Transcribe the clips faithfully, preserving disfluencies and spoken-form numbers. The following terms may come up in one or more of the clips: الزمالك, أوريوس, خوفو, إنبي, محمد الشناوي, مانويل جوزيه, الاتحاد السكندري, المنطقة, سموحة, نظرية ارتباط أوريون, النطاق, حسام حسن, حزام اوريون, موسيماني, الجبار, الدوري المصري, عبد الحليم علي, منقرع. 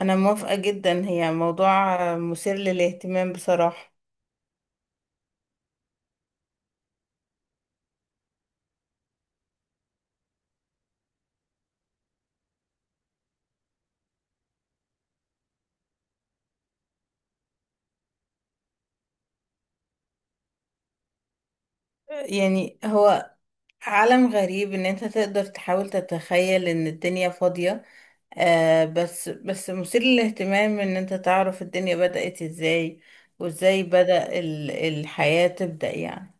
انا موافقة جدا، هي موضوع مثير للاهتمام بصراحة. يعني هو عالم غريب ان انت تقدر تحاول تتخيل ان الدنيا فاضية. آه بس بس مثير للاهتمام ان انت تعرف الدنيا بدأت ازاي. وازاي بدأ ال- الحياة تبدأ يعني.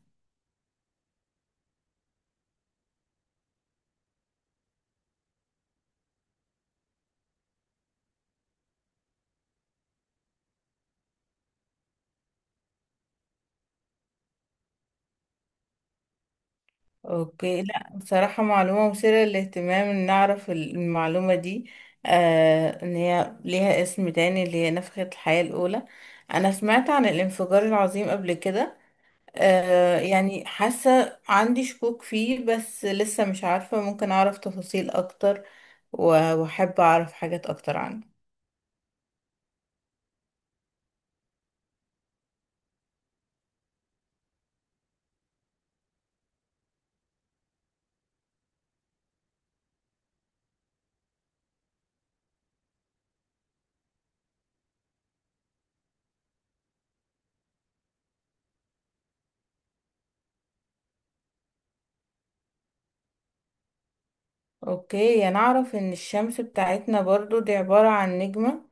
اوكي، لا بصراحة، معلومة مثيرة للاهتمام ان نعرف ال- المعلومة دي. آه ان هي ليها اسم تاني، اللي هي نفخة الحياة الاولى. انا سمعت عن الانفجار العظيم قبل كده. آه يعني حاسة عندي شكوك فيه، بس لسه مش عارفة، ممكن أعرف تفاصيل أكتر. و- وأحب أعرف حاجات أكتر عنه. أوكي، أنا أعرف إن الشمس بتاعتنا برضو دي عبارة عن نجمة،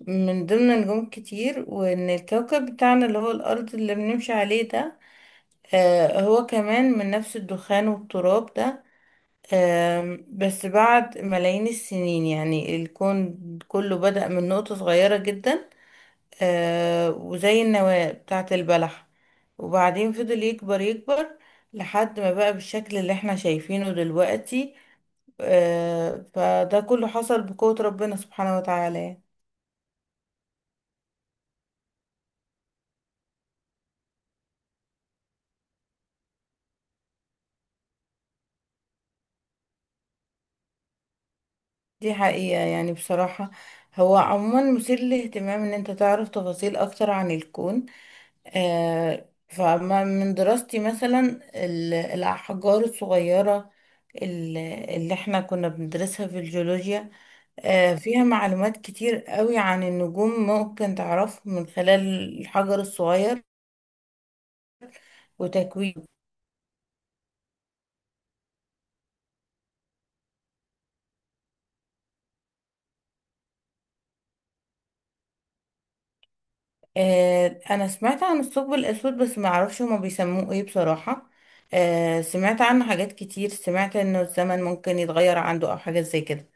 من ضمن نجوم كتير، وإن الكوكب بتاعنا اللي هو الأرض اللي بنمشي عليه ده، آه هو كمان من نفس الدخان والتراب ده. آم، بس بعد ملايين السنين، يعني الكون كله بدأ من نقطة صغيرة جدا، آه وزي النواة بتاعة البلح، وبعدين فضل يكبر يكبر لحد ما بقى بالشكل اللي احنا شايفينه دلوقتي. آه فده كله حصل بقوة ربنا سبحانه وتعالى. دي حقيقة يعني، بصراحة. هو عموما مثير للاهتمام ان انت تعرف تفاصيل اكتر عن الكون. آه فما من دراستي مثلا، ال- الاحجار الصغيرة، ال- اللي احنا كنا بندرسها في الجيولوجيا، آه، فيها معلومات كتير قوي عن النجوم، ممكن تعرفه من خلال الحجر الصغير وتكوينه. آه، انا سمعت عن الثقب الاسود، بس ما اعرفش هما بيسموه ايه بصراحة. آه، سمعت عنه حاجات كتير، سمعت انه الزمن ممكن يتغير عنده، او حاجات زي كده.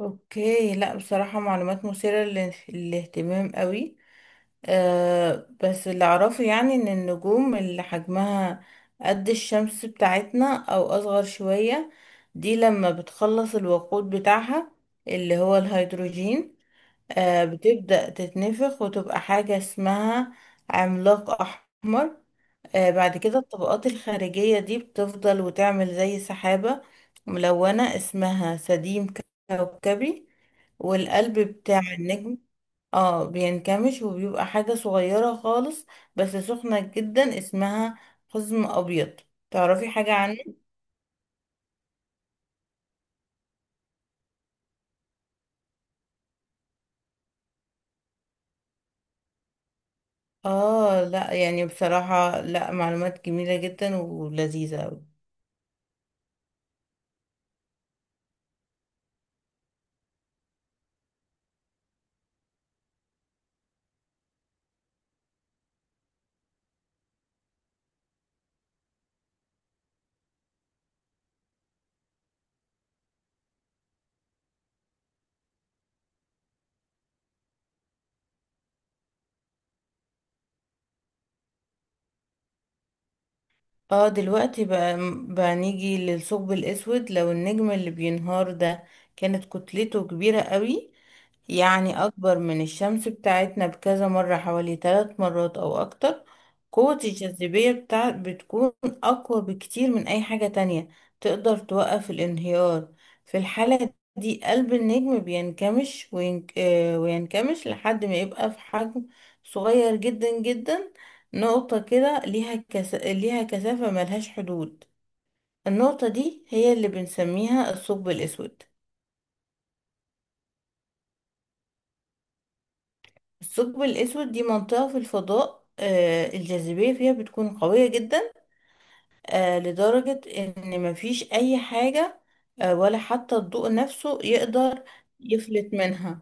اوكي، لا بصراحة، معلومات مثيرة للاهتمام قوي. آه بس اللي اعرفه يعني ان النجوم اللي حجمها قد الشمس بتاعتنا او اصغر شوية، دي لما بتخلص الوقود بتاعها اللي هو الهيدروجين، آه بتبدأ تتنفخ وتبقى حاجة اسمها عملاق احمر. آه بعد كده، الطبقات الخارجية دي بتفضل وتعمل زي سحابة ملونة، اسمها سديم كوكبي. والقلب بتاع النجم اه بينكمش وبيبقى حاجة صغيرة خالص، بس سخنة جدا، اسمها قزم أبيض. تعرفي حاجة عنه؟ اه، لا يعني بصراحة، لا، معلومات جميلة جدا ولذيذة. اه، دلوقتي بقى، بقى نيجي للثقب الاسود، لو النجم اللي بينهار ده كانت كتلته كبيرة قوي، يعني اكبر من الشمس بتاعتنا بكذا مرة، حوالي ثلاث مرات او اكتر. قوة الجاذبية بتاع بتكون اقوى بكتير من اي حاجة تانية تقدر توقف الانهيار. في الحالة دي، قلب النجم بينكمش وين... آه، وينكمش لحد ما يبقى في حجم صغير جدا جدا، نقطة كده ليها كس... ليها كثافة ملهاش حدود. النقطة دي هي اللي بنسميها الثقب الأسود. الثقب الأسود دي منطقة في الفضاء، آه، الجاذبية فيها بتكون قوية جدا، آه، لدرجة إن مفيش أي حاجة، آه، ولا حتى الضوء نفسه يقدر يفلت منها.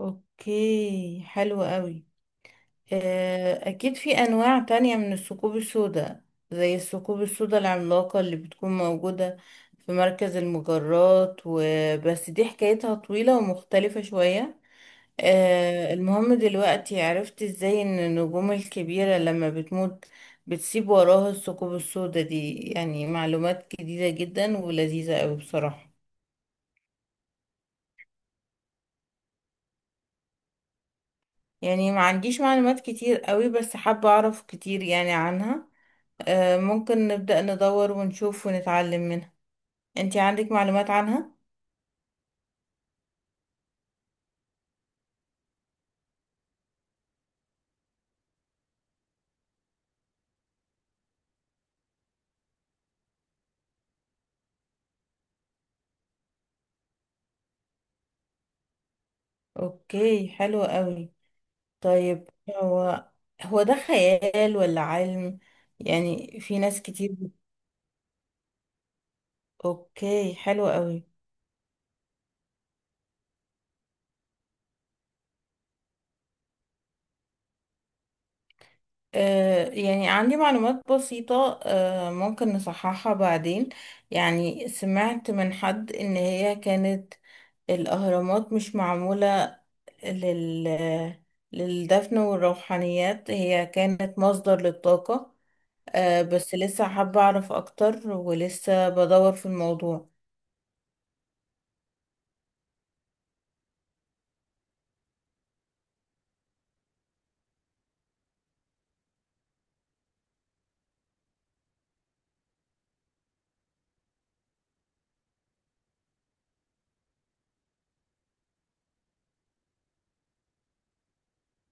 أوكي، حلو قوي. آه، أكيد في أنواع تانية من الثقوب السوداء، زي الثقوب السوداء العملاقة اللي بتكون موجودة في مركز المجرات، وبس دي حكايتها طويلة ومختلفة شوية. آه، المهم دلوقتي عرفت ازاي ان النجوم الكبيرة لما بتموت بتسيب وراها الثقوب السوداء دي، يعني معلومات جديدة جدا ولذيذة قوي بصراحة. يعني ما عنديش معلومات كتير قوي، بس حابة اعرف كتير يعني عنها. آه، ممكن نبدأ ندور ونشوف ونتعلم منها. انتي عندك معلومات عنها؟ اوكي، حلو قوي. طيب، هو هو ده خيال ولا علم؟ يعني في ناس كتير. اوكي، حلو قوي. آه يعني عندي معلومات بسيطة، آه ممكن نصححها بعدين. يعني سمعت من حد ان هي كانت الاهرامات مش معمولة لل... للدفن والروحانيات، هي كانت مصدر للطاقة. آه بس لسه حابة أعرف أكتر، ولسه بدور في الموضوع.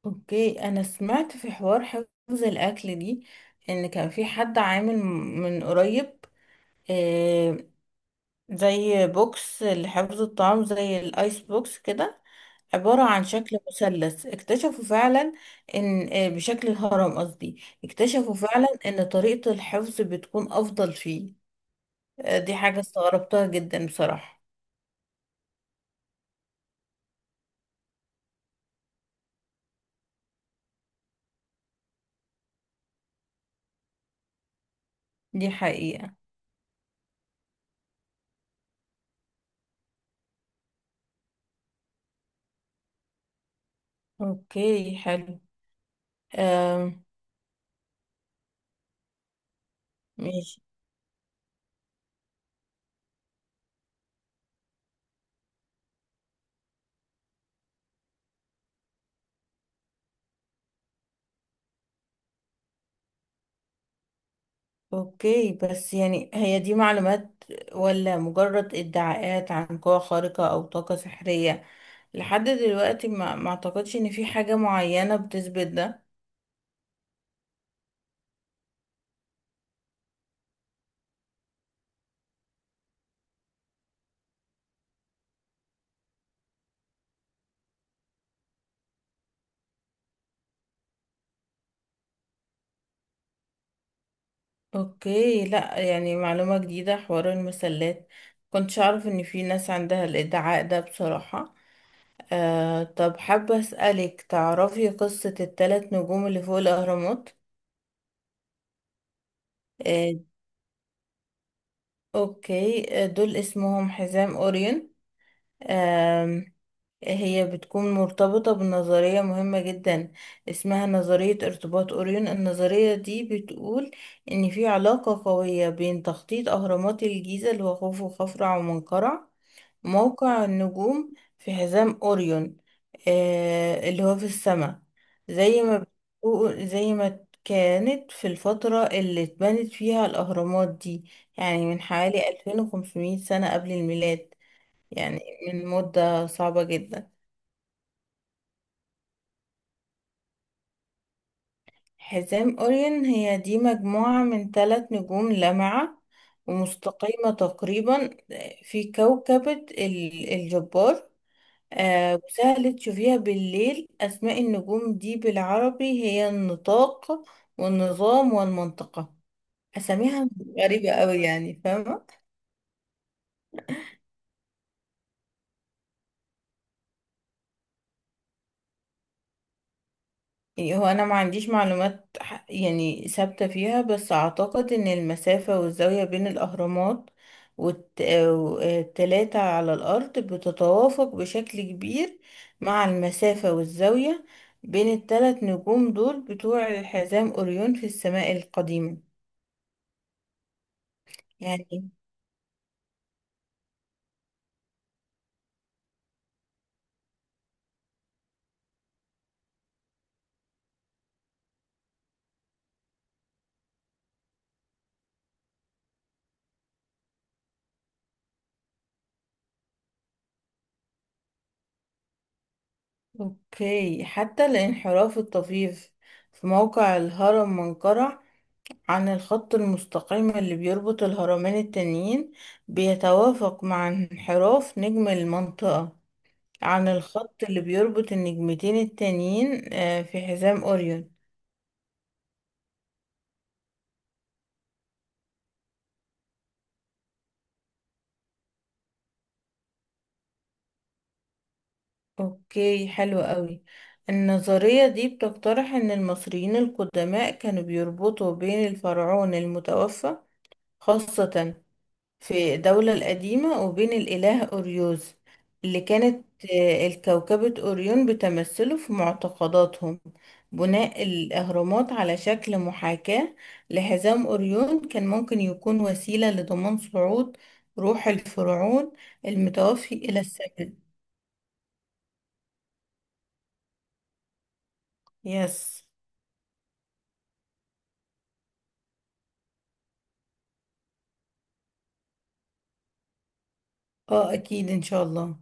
أوكي، أنا سمعت في حوار حفظ الأكل دي، إن كان في حد عامل من قريب آه، زي بوكس لحفظ الطعام، زي الايس بوكس كده، عبارة عن شكل مثلث. اكتشفوا فعلا ان آه، بشكل الهرم، قصدي اكتشفوا فعلا ان طريقة الحفظ بتكون افضل فيه. آه، دي حاجة استغربتها جدا بصراحة. دي حقيقة. اوكي، حلو. آم، ماشي. اوكي، بس يعني هي دي معلومات ولا مجرد ادعاءات عن قوة خارقة او طاقة سحرية؟ لحد دلوقتي، ما ما اعتقدش ان في حاجة معينة بتثبت ده. اوكي، لا، يعني معلومة جديدة حوار المسلات، كنتش اعرف ان في ناس عندها الادعاء ده بصراحة. آه طب، حابة اسألك، تعرفي قصة الثلاث نجوم اللي فوق الاهرامات؟ آه اوكي، آه، دول اسمهم حزام اوريون. آم، هي بتكون مرتبطة بنظرية مهمة جدا، اسمها نظرية ارتباط أوريون. النظرية دي بتقول إن في علاقة قوية بين تخطيط أهرامات الجيزة، اللي هو خوفو وخفرع ومنقرع، موقع النجوم في حزام أوريون، آه اللي هو في السماء. زي ما بتقول، زي ما كانت في الفترة اللي اتبنت فيها الأهرامات دي، يعني من حوالي ألفين وخمسمية سنة قبل الميلاد. يعني من مدة صعبة جدا. حزام أوريون هي دي مجموعة من ثلاث نجوم لامعة ومستقيمة تقريبا، في كوكبة ال- الجبار. آه، وسهل تشوفيها بالليل. أسماء النجوم دي بالعربي هي النطاق والنظام والمنطقة. أساميها غريبة أوي يعني، فاهمة. يعني هو انا ما عنديش معلومات ح- يعني ثابتة فيها، بس اعتقد ان المسافة والزاوية بين الاهرامات والتلاتة على الارض بتتوافق بشكل كبير مع المسافة والزاوية بين التلات نجوم دول بتوع حزام اوريون في السماء القديمة يعني. اوكي، حتى الانحراف الطفيف في موقع الهرم منقرع عن الخط المستقيم اللي بيربط الهرمين التانيين بيتوافق مع انحراف نجم المنطقة عن الخط اللي بيربط النجمتين التانيين، آه، في حزام أوريون. أوكي، حلو قوي. النظرية دي بتقترح إن المصريين القدماء كانوا بيربطوا بين الفرعون المتوفى، خاصة في الدولة القديمة، وبين الإله أوريوس، اللي كانت آه، الكوكبة أوريون بتمثله في معتقداتهم. بناء الأهرامات على شكل محاكاة لحزام أوريون كان ممكن يكون وسيلة لضمان صعود روح الفرعون المتوفي إلى السماء. يس، اه أكيد إن شاء الله.